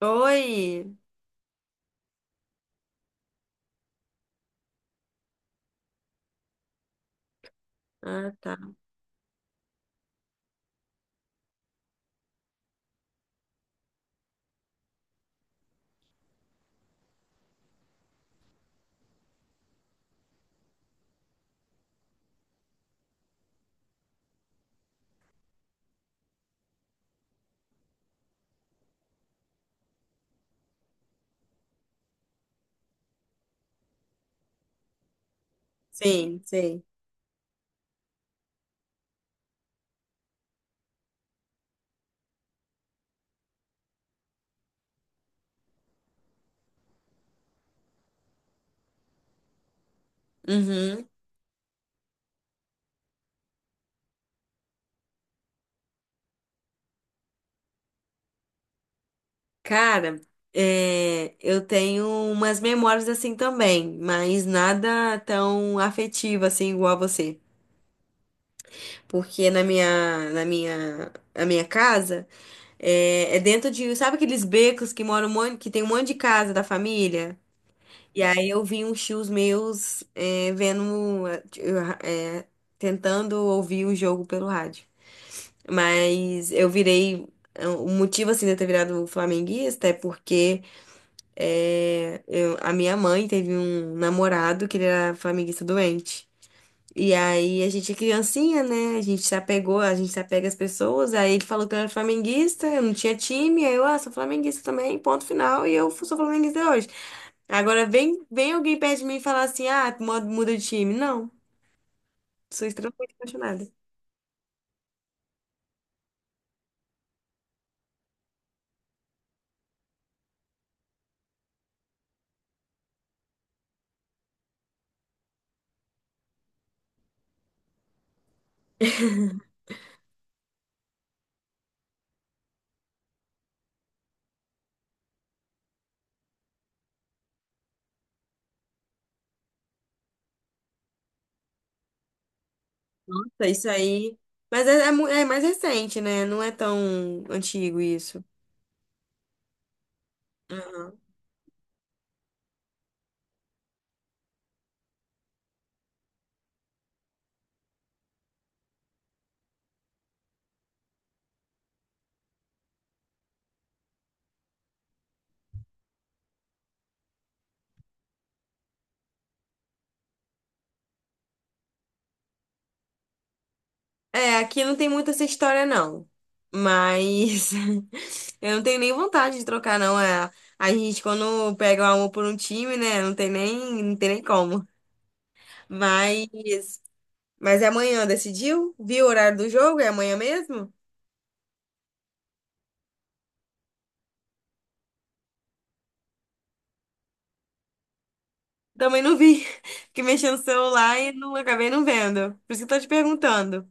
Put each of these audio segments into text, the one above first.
Oi! Ah, tá. Sim, sei. Uhum. Cara, eu tenho umas memórias assim também, mas nada tão afetivo assim igual a você. Porque na minha casa, é dentro de, sabe aqueles becos que moram um monte, que tem um monte de casa da família? E aí eu vi uns tios meus vendo, é, tentando ouvir o jogo pelo rádio. Mas eu virei. O motivo, assim, de eu ter virado flamenguista é porque a minha mãe teve um namorado que ele era flamenguista doente. E aí a gente é criancinha, né? A gente se apegou, a gente se apega às pessoas. Aí ele falou que eu era flamenguista, eu não tinha time. Aí eu, ah, sou flamenguista também, ponto final. E eu sou flamenguista hoje. Agora vem alguém perto de mim e falar assim, ah, muda de time. Não, sou extremamente apaixonada. Isso aí. Mas é mais recente, né? Não é tão antigo isso. Aham. É, aqui não tem muito essa história, não. Mas eu não tenho nem vontade de trocar, não. É, a gente, quando pega o amor por um time, né? Não tem nem como. Mas, mas é amanhã, decidiu? Viu o horário do jogo? É amanhã mesmo? Também não vi. Fiquei mexendo no celular e acabei não vendo. Por isso que eu tô te perguntando.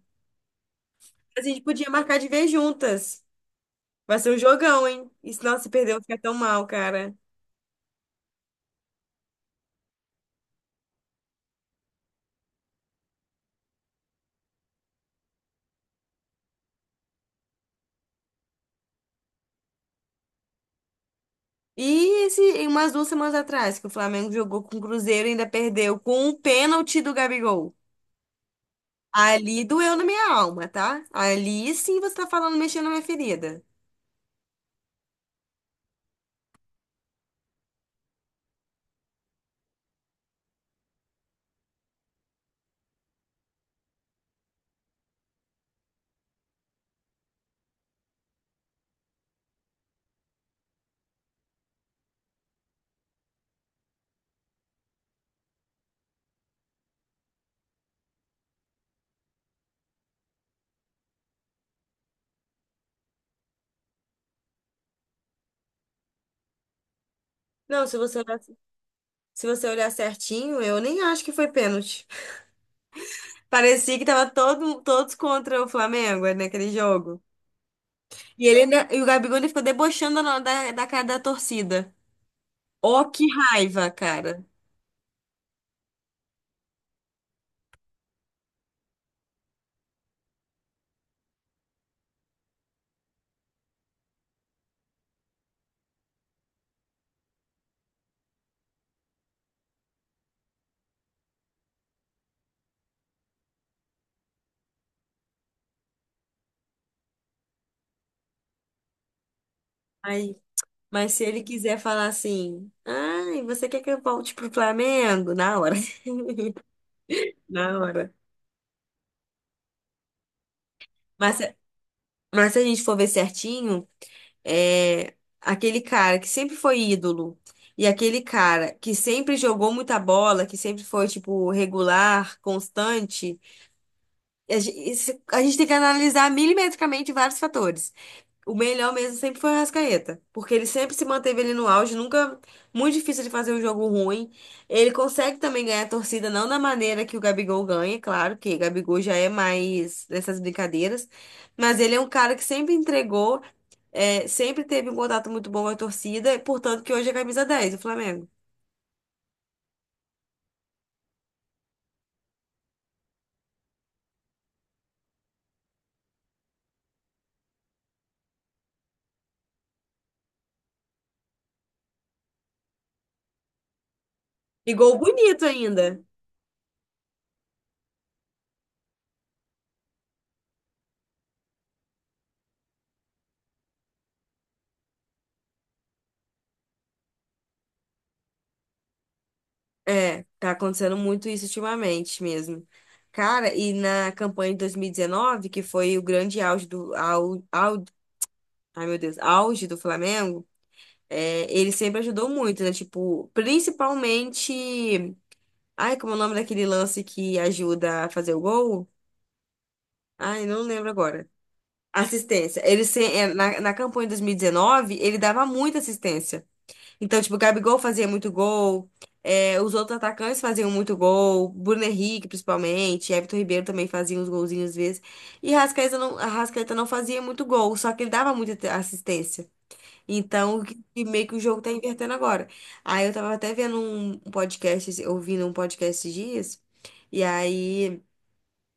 A gente podia marcar de ver juntas. Vai ser um jogão, hein? E se não se perder, eu vou ficar tão mal, cara. E esse, e umas duas semanas atrás, que o Flamengo jogou com o Cruzeiro e ainda perdeu com um pênalti do Gabigol. Ali doeu na minha alma, tá? Ali sim você tá falando mexendo na minha ferida. Não, se você olhar certinho, eu nem acho que foi pênalti. Parecia que tava todos contra o Flamengo né, naquele jogo. E o Gabigol ele ficou debochando da cara da torcida. Ó, que raiva, cara. Ai, Mas se ele quiser falar assim, ai, você quer que eu volte pro Flamengo? Na hora. Na hora. Mas, se- mas se a gente for ver certinho, aquele cara que sempre foi ídolo e aquele cara que sempre jogou muita bola, que sempre foi, tipo, regular, constante, a gente tem que analisar milimetricamente vários fatores. O melhor mesmo sempre foi o Arrascaeta, porque ele sempre se manteve ali no auge, nunca muito difícil de fazer um jogo ruim. Ele consegue também ganhar a torcida, não da maneira que o Gabigol ganha, claro que o Gabigol já é mais nessas brincadeiras, mas ele é um cara que sempre entregou, sempre teve um contato muito bom com a torcida, e, portanto que hoje é camisa dez do Flamengo. E gol bonito ainda. É, tá acontecendo muito isso ultimamente mesmo. Cara, e na campanha de 2019, que foi o grande auge do, ai meu Deus, auge do Flamengo, ele sempre ajudou muito, né? Tipo, principalmente. Ai, como é o nome daquele lance que ajuda a fazer o gol? Ai, não lembro agora. Assistência. Ele se- é, na, na campanha de 2019, ele dava muita assistência. Então, tipo, o Gabigol fazia muito gol, os outros atacantes faziam muito gol, Bruno Henrique, principalmente, Everton Ribeiro também fazia uns golzinhos às vezes. E Rascaeta não fazia muito gol, só que ele dava muita assistência. E meio que o jogo tá invertendo agora. Aí eu tava até vendo ouvindo um podcast esses dias, e aí,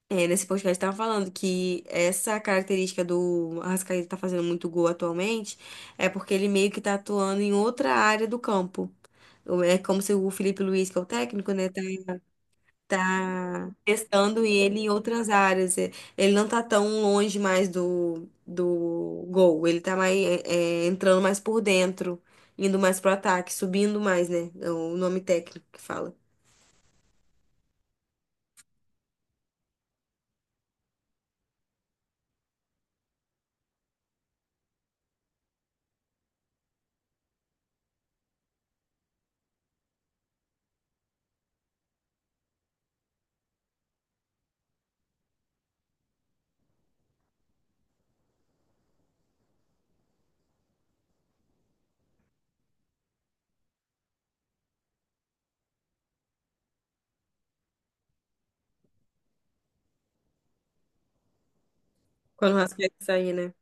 nesse podcast tava falando que essa característica do Arrascaeta tá fazendo muito gol atualmente é porque ele meio que tá atuando em outra área do campo. É como se o Felipe Luiz, que é o técnico, né, tá testando ele em outras áreas. É, ele não tá tão longe mais do gol, ele tá mais, entrando mais por dentro, indo mais pro ataque, subindo mais, né? É o nome técnico que fala. Quando o Rascaeta sair, né?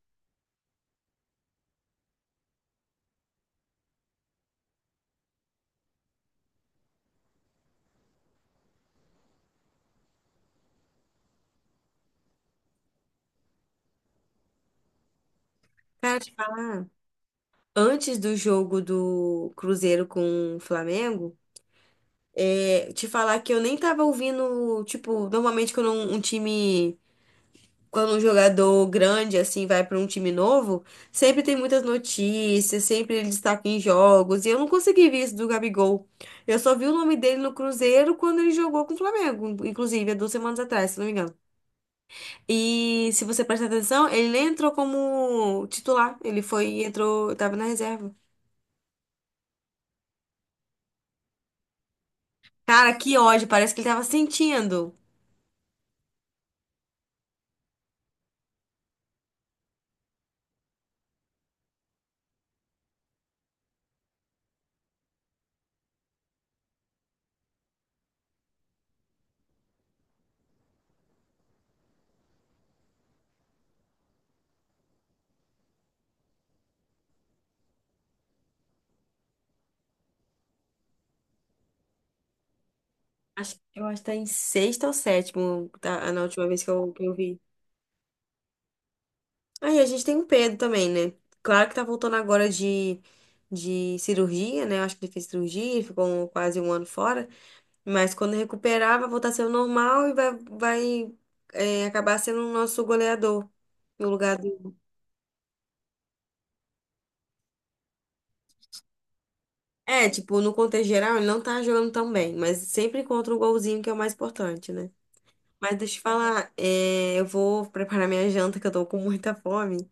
Cara, te falar, antes do jogo do Cruzeiro com o Flamengo, te falar que eu nem tava ouvindo, tipo, normalmente quando um time. Quando um jogador grande assim vai para um time novo, sempre tem muitas notícias, sempre ele destaca em jogos, e eu não consegui ver isso do Gabigol. Eu só vi o nome dele no Cruzeiro quando ele jogou com o Flamengo, inclusive, há duas semanas atrás, se não me engano. E se você prestar atenção, ele nem entrou como titular, entrou, tava na reserva. Cara, que ódio, parece que ele tava sentindo. Acho, eu acho que tá em sexta ou sétimo, tá, na última vez que eu vi. Aí a gente tem o Pedro também, né? Claro que tá voltando agora de cirurgia, né? Eu acho que ele fez cirurgia, ficou quase um ano fora. Mas quando recuperar, vai voltar a ser o normal e vai acabar sendo o nosso goleador no lugar do. É, tipo, no contexto geral, ele não tá jogando tão bem, mas sempre encontra um golzinho que é o mais importante, né? Mas deixa eu te falar, eu vou preparar minha janta, que eu tô com muita fome.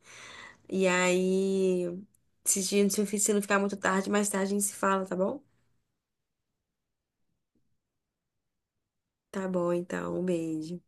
E aí, se não ficar muito tarde, mais tarde a gente se fala, tá bom? Tá bom, então. Um beijo.